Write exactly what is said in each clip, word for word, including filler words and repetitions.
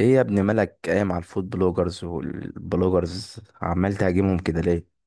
ايه يا ابن مالك، قايم على الفود بلوجرز والبلوجرز عمال تهاجمهم كده ليه؟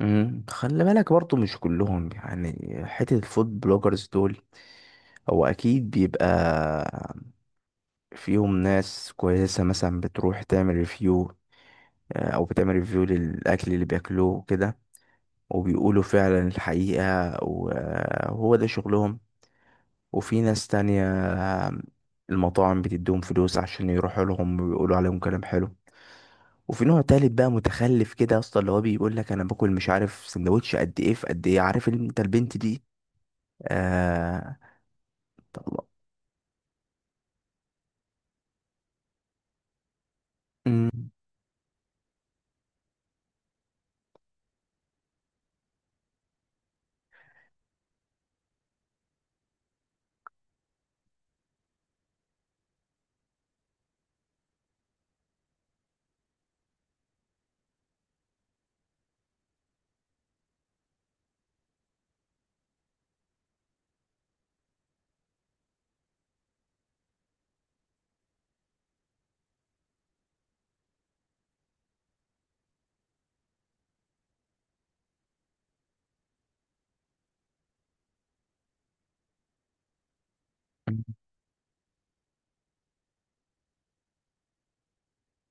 امم خلي بالك برضو مش كلهم، يعني حتة الفود بلوجرز دول هو اكيد بيبقى فيهم ناس كويسة، مثلا بتروح تعمل ريفيو او بتعمل ريفيو للاكل اللي بياكلوه كده وبيقولوا فعلا الحقيقة، وهو ده شغلهم. وفي ناس تانية المطاعم بتديهم فلوس عشان يروحوا لهم ويقولوا عليهم كلام حلو. وفي نوع تالت بقى متخلف كده يا اسطى، اللي هو بيقول لك انا باكل مش عارف سندوتش قد ايه في قد ايه، عارف انت البنت دي. آه. طب. أمم، أمم.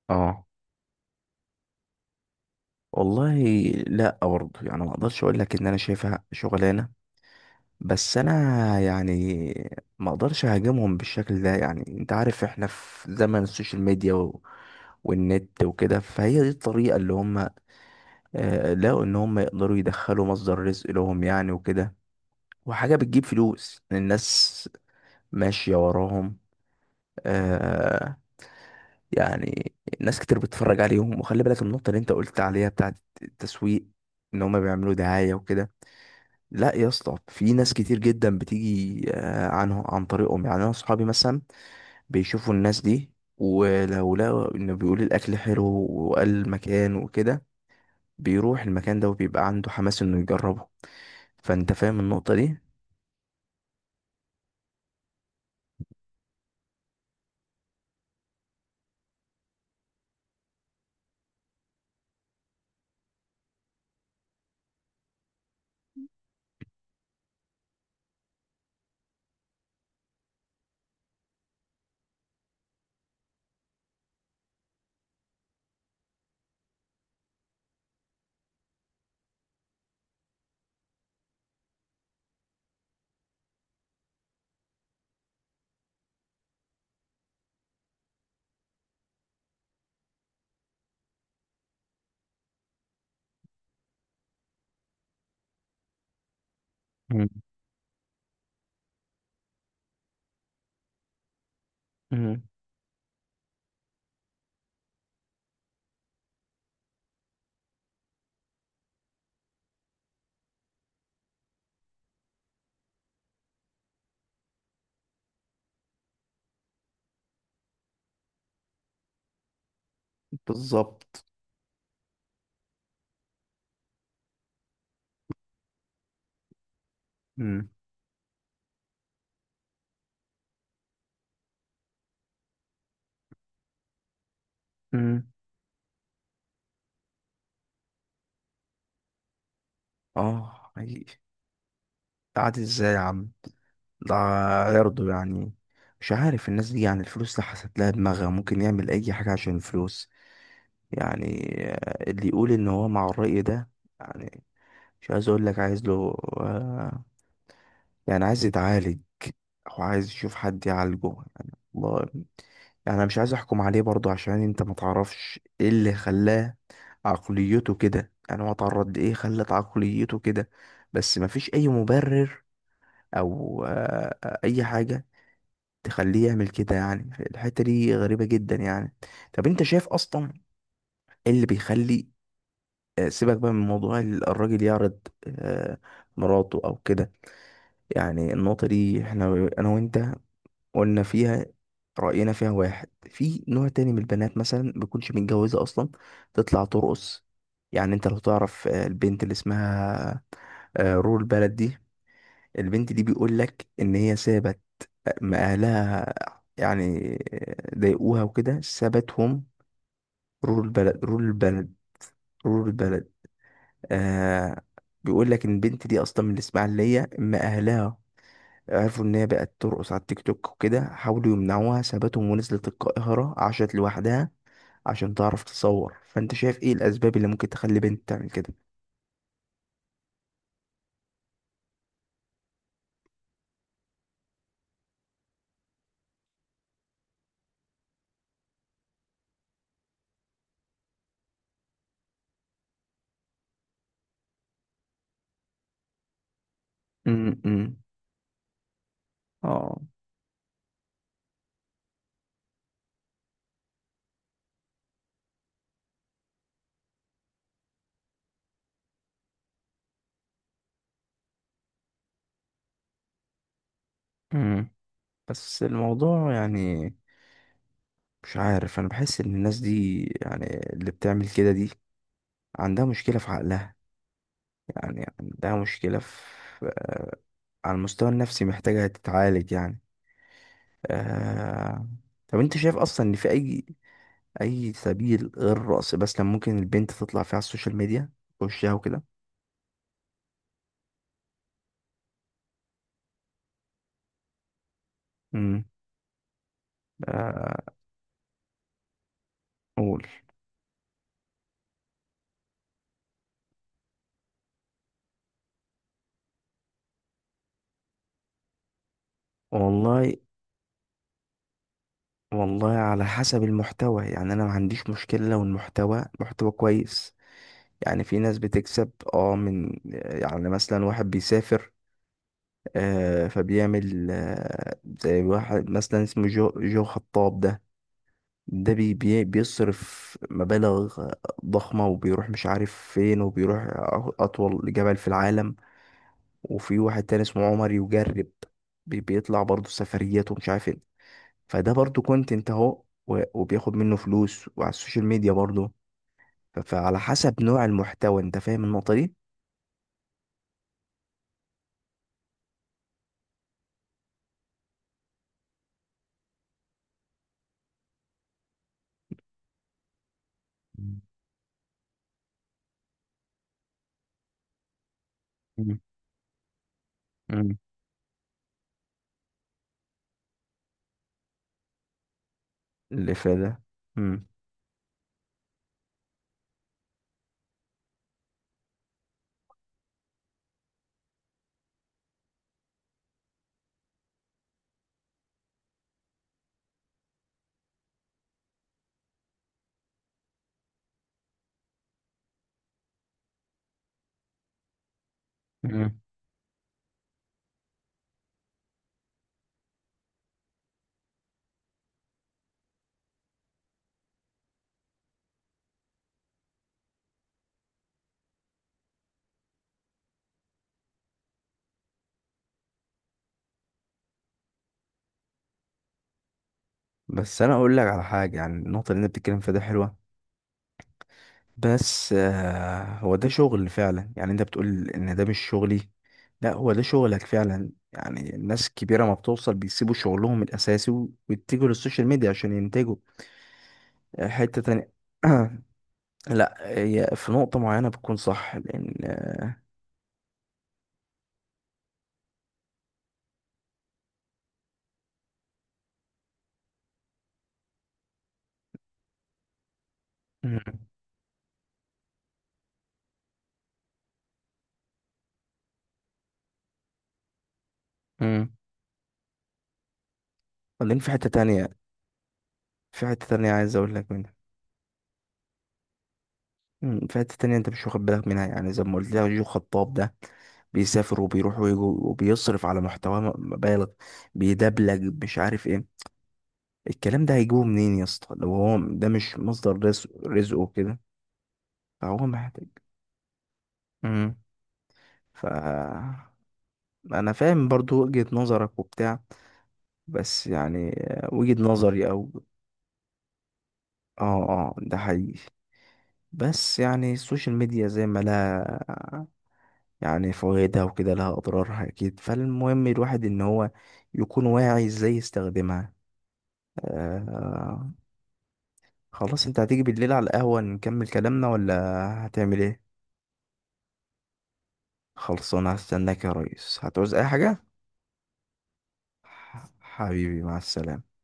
اه. والله لا برضه، يعني ما اقدرش اقول لك ان انا شايفها شغلانه، بس انا يعني ما اقدرش اهاجمهم بالشكل ده. يعني انت عارف احنا في زمن السوشيال ميديا و... والنت وكده، فهي دي الطريقه اللي هم آه، لقوا ان هم يقدروا يدخلوا مصدر رزق لهم يعني وكده، وحاجه بتجيب فلوس الناس ماشية وراهم. آه. يعني ناس كتير بتتفرج عليهم. وخلي بالك النقطة اللي انت قلت عليها بتاعت التسويق، ان هما بيعملوا دعاية وكده. لا يا اسطى، في ناس كتير جدا بتيجي آه، عنه عن طريقهم. يعني انا اصحابي مثلا بيشوفوا الناس دي، ولو لقوا انه بيقول الاكل حلو وقال المكان وكده بيروح المكان ده وبيبقى عنده حماس انه يجربه. فانت فاهم النقطة دي. مم. مم. بالظبط. مم. مم. اه حقيقي. قعدت ازاي يا عم؟ ده يرضوا يعني؟ مش عارف الناس دي، يعني الفلوس اللي حسيت لها دماغها ممكن يعمل اي حاجة عشان الفلوس يعني. آه، اللي يقول ان هو مع الرأي ده يعني مش عايز اقول لك عايز له، آه، يعني عايز يتعالج او عايز يشوف حد يعالجه يعني. الله. يعني انا مش عايز احكم عليه برضو، عشان انت ما تعرفش ايه اللي خلاه عقليته كده، يعني هو اتعرض لايه خلت عقليته كده. بس ما فيش اي مبرر او آه، اي حاجة تخليه يعمل كده. يعني الحتة دي غريبة جدا يعني. طب انت شايف اصلا ايه اللي بيخلي آه، سيبك بقى من موضوع ال- الراجل يعرض آه، مراته او كده. يعني النقطة دي احنا انا وانت قلنا فيها رأينا، فيها واحد في نوع تاني من البنات مثلا بيكونش متجوزة اصلا تطلع ترقص. يعني انت لو تعرف آه، البنت اللي اسمها آه، رول بلد دي، البنت دي بيقول لك ان هي سابت ما أهلها، يعني ضايقوها وكده سابتهم. رور البلد رور البلد. رور البلد. آه. بيقول لك إن البنت دي أصلا من الإسماعيلية. أما أهلها عرفوا إن هي بقت ترقص على التيك توك وكده حاولوا يمنعوها، سابتهم ونزلت القاهرة عاشت لوحدها عشان تعرف تصور. فأنت شايف إيه الأسباب اللي ممكن تخلي بنت تعمل كده؟ امم. اه. امم. بس الموضوع يعني مش عارف، انا بحس ان الناس دي يعني اللي بتعمل كده دي عندها مشكلة في عقلها، يعني عندها مشكلة في على المستوى النفسي، محتاجة تتعالج يعني. آه... طب انت شايف اصلا ان في اي اي سبيل غير الرقص بس لما ممكن البنت تطلع فيه على السوشيال ميديا وشها وكده؟ امم. قول. والله. والله على حسب المحتوى، يعني انا ما عنديش مشكلة لو المحتوى محتوى كويس. يعني في ناس بتكسب اه من، يعني مثلا واحد بيسافر آه، فبيعمل آه، زي واحد مثلا اسمه جو, جو خطاب ده، ده بي بي بيصرف مبالغ آه، ضخمة وبيروح مش عارف فين وبيروح أ- أطول جبل في العالم. وفي واحد تاني اسمه عمر يجرب، بي بيطلع برضه سفريات ومش عارف ايه، فده برضه كونتنت اهو و- وبياخد منه فلوس وعلى السوشيال ميديا برضه. ف- فعلى حسب نوع المحتوى، انت فاهم النقطة دي. مم. مم. اللي في ده. مم. بس انا اقول لك على حاجه، يعني النقطه اللي انت بتتكلم فيها ده حلوه بس آه، هو ده شغل فعلا. يعني انت بتقول ان ده مش شغلي، لا هو ده شغلك فعلا. يعني الناس الكبيره ما بتوصل بيسيبوا شغلهم الاساسي و- ويتجهوا للسوشيال ميديا عشان ينتجوا. آه، حته تانية. لا هي في نقطه معينه بتكون صح، لان آه، مم. مم. بعدين في حته تانية، في حته تانية عايز اقول لك منها، مم، في حتة تانية انت مش واخد بالك منها. يعني زي ما قلت لك جو خطاب ده بيسافر وبيروح ويجي وبيصرف على محتوى م- مبالغ، بيدبلج مش عارف ايه. الكلام ده هيجيبه منين يا اسطى لو هو ده مش مصدر رزق رزقه كده؟ فهو محتاج. امم. ف. انا فاهم برضو وجهة نظرك وبتاع، بس يعني وجهة نظري او، اه اه ده حقيقي. بس يعني السوشيال ميديا زي ما لها يعني فوائدها وكده لها أضرارها أكيد، فالمهم الواحد إن هو يكون واعي إزاي يستخدمها. آه. خلاص، أنت هتيجي بالليل على القهوة نكمل كلامنا ولا هتعمل إيه؟ خلصانة، هستناك يا ريس. هتعوز أي حاجة؟ ح- حبيبي، مع السلامة.